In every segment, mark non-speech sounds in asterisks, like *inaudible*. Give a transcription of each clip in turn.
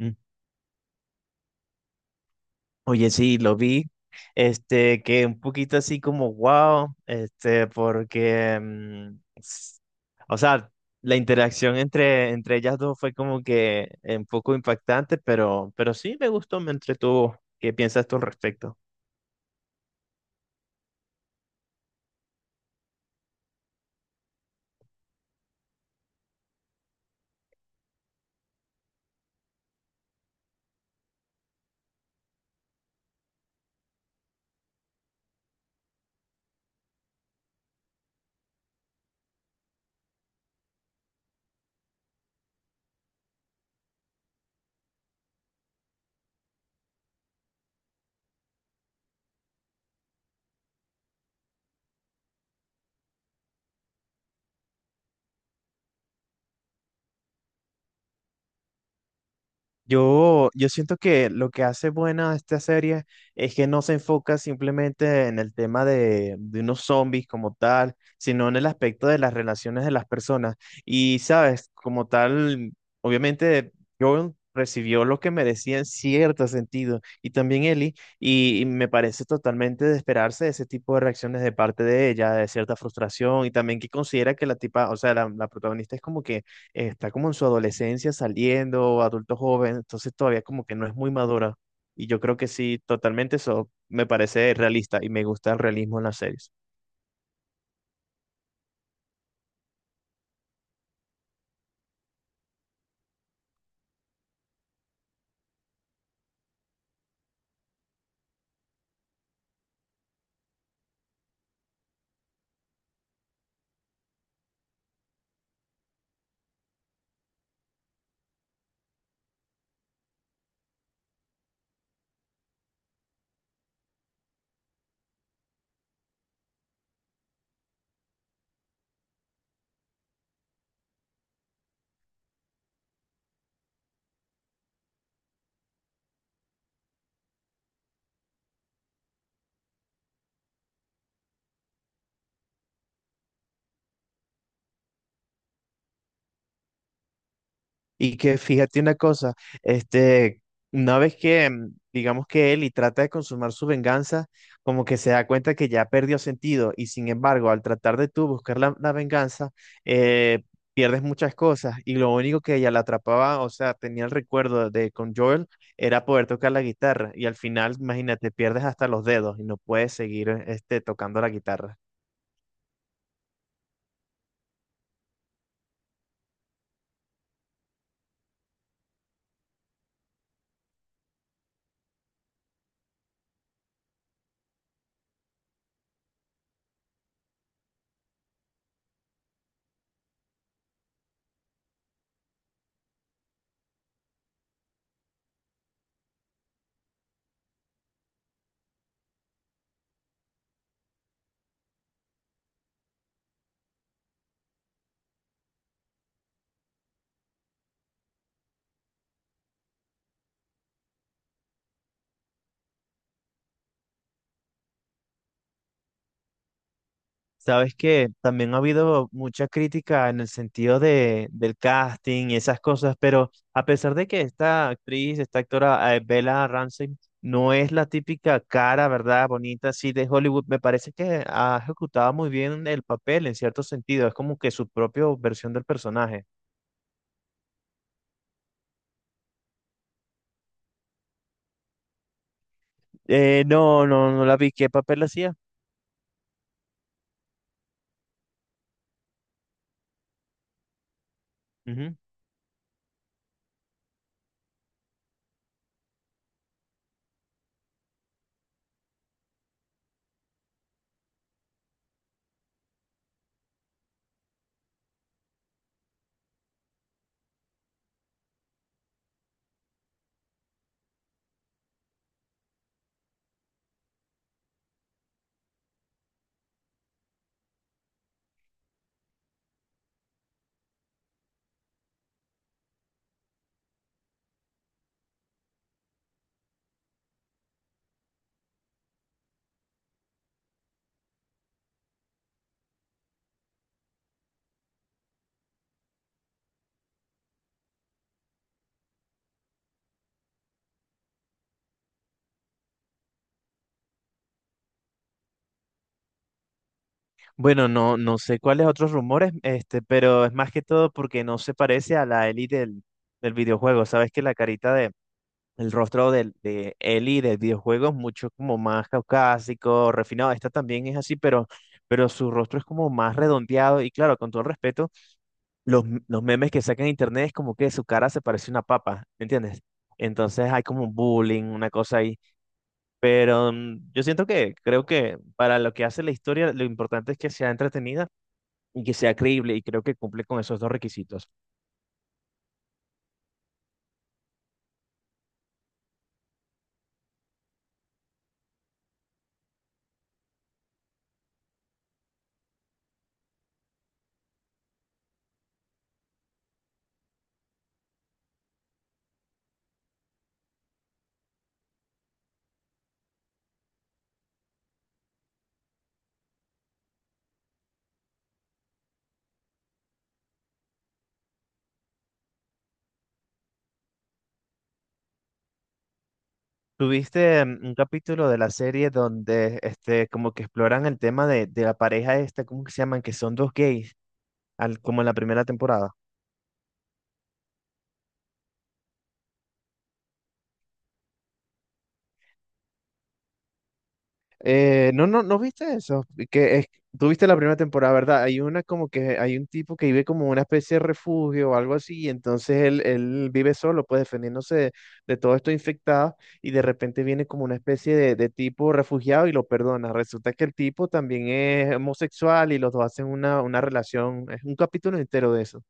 Mm. Oye, sí, lo vi. Que un poquito así como wow, porque, o sea, la interacción entre ellas dos fue como que un poco impactante, pero sí me gustó, me entretuvo. ¿Qué piensas tú al respecto? Yo siento que lo que hace buena a esta serie es que no se enfoca simplemente en el tema de unos zombies como tal, sino en el aspecto de las relaciones de las personas. Y, sabes, como tal, obviamente Joel recibió lo que merecía en cierto sentido, y también Ellie, y me parece totalmente de esperarse ese tipo de reacciones de parte de ella, de cierta frustración, y también que considera que la tipa, o sea, la protagonista es como que está como en su adolescencia saliendo, adulto joven, entonces todavía como que no es muy madura. Y yo creo que sí, totalmente eso me parece realista y me gusta el realismo en las series. Y que fíjate una cosa, este, una vez que digamos que Eli trata de consumar su venganza, como que se da cuenta que ya perdió sentido y sin embargo, al tratar de tú buscar la venganza, eh, pierdes muchas cosas y lo único que ella la atrapaba, o sea, tenía el recuerdo de con Joel, era poder tocar la guitarra y al final, imagínate, pierdes hasta los dedos y no puedes seguir tocando la guitarra. Sabes que también ha habido mucha crítica en el sentido de, del casting y esas cosas, pero a pesar de que esta actriz, esta actora, Bella Ramsey, no es la típica cara, ¿verdad? Bonita, así de Hollywood, me parece que ha ejecutado muy bien el papel en cierto sentido, es como que su propia versión del personaje. No, no, no la vi. ¿Qué papel hacía? Ujú. Bueno, no, no sé cuáles otros rumores, pero es más que todo porque no se parece a la Ellie del videojuego. Sabes que el rostro de Ellie del videojuego es mucho como más caucásico, refinado. Esta también es así, pero su rostro es como más redondeado. Y claro, con todo el respeto, los memes que sacan en internet es como que su cara se parece a una papa, ¿me entiendes? Entonces hay como un bullying, una cosa ahí. Pero yo siento que, creo que para lo que hace la historia, lo importante es que sea entretenida y que sea creíble. Y creo que cumple con esos dos requisitos. Tuviste un capítulo de la serie donde este como que exploran el tema de, la pareja esta, ¿cómo que se llaman? Que son dos gays, al, como en la primera temporada. No, no, ¿no viste eso? Que es, tú viste la primera temporada, ¿verdad? Hay una como que hay un tipo que vive como una especie de refugio o algo así, y entonces él vive solo, pues defendiéndose de, todo esto infectado, y de repente viene como una especie de tipo refugiado y lo perdona. Resulta que el tipo también es homosexual y los dos hacen una relación, es un capítulo entero de eso.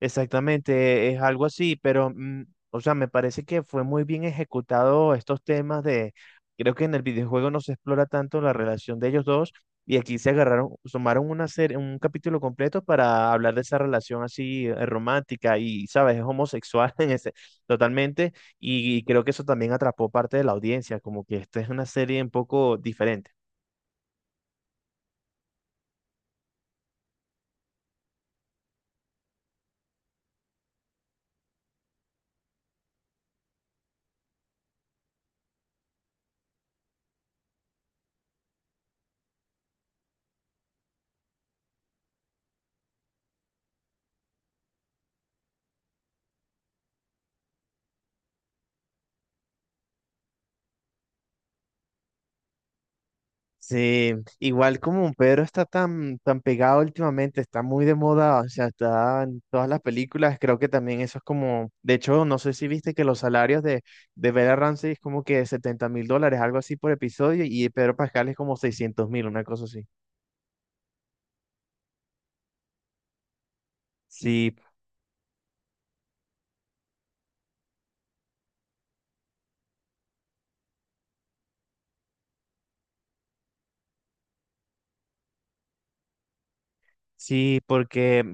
Exactamente, es algo así, pero, o sea, me parece que fue muy bien ejecutado estos temas creo que en el videojuego no se explora tanto la relación de ellos dos y aquí se agarraron, sumaron una serie, un capítulo completo para hablar de esa relación así romántica y, sabes, es homosexual *laughs* en ese, totalmente y creo que eso también atrapó parte de la audiencia, como que esta es una serie un poco diferente. Sí, igual como Pedro está tan, tan pegado últimamente, está muy de moda, o sea, está en todas las películas, creo que también eso es como, de hecho, no sé si viste que los salarios de Bella Ramsey es como que 70.000 dólares, algo así por episodio, y de Pedro Pascal es como 600.000, una cosa así. Sí, sí, porque,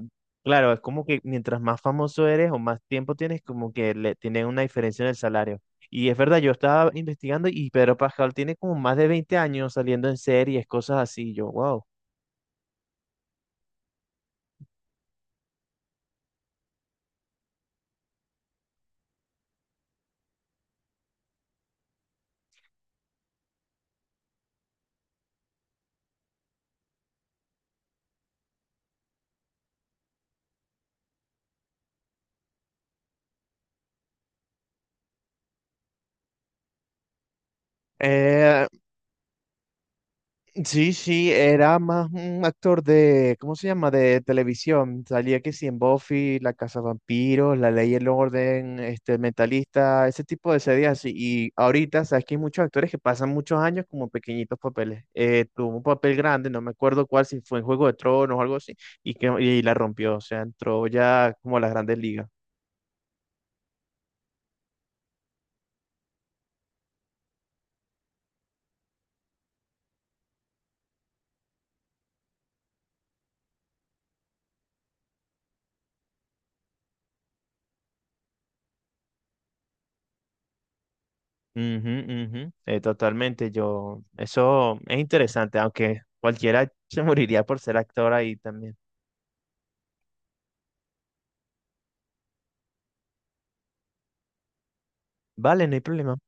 claro, es como que mientras más famoso eres o más tiempo tienes, como que le tienen una diferencia en el salario. Y es verdad, yo estaba investigando y Pedro Pascal tiene como más de 20 años saliendo en series, cosas así. Yo, wow. Sí, sí, era más un actor de, ¿cómo se llama? De televisión. Salía que sí en Buffy, La Casa Vampiros, La Ley y el Orden, este, El Mentalista, ese tipo de series así. Y ahorita, sabes que hay muchos actores que pasan muchos años como pequeñitos papeles. Tuvo un papel grande, no me acuerdo cuál, si fue en Juego de Tronos o algo así, y que y la rompió, o sea, entró ya como a las grandes ligas. Ujú, ujú. Totalmente, yo, eso es interesante, aunque cualquiera *laughs* se moriría por ser actor ahí también. Vale, no hay problema.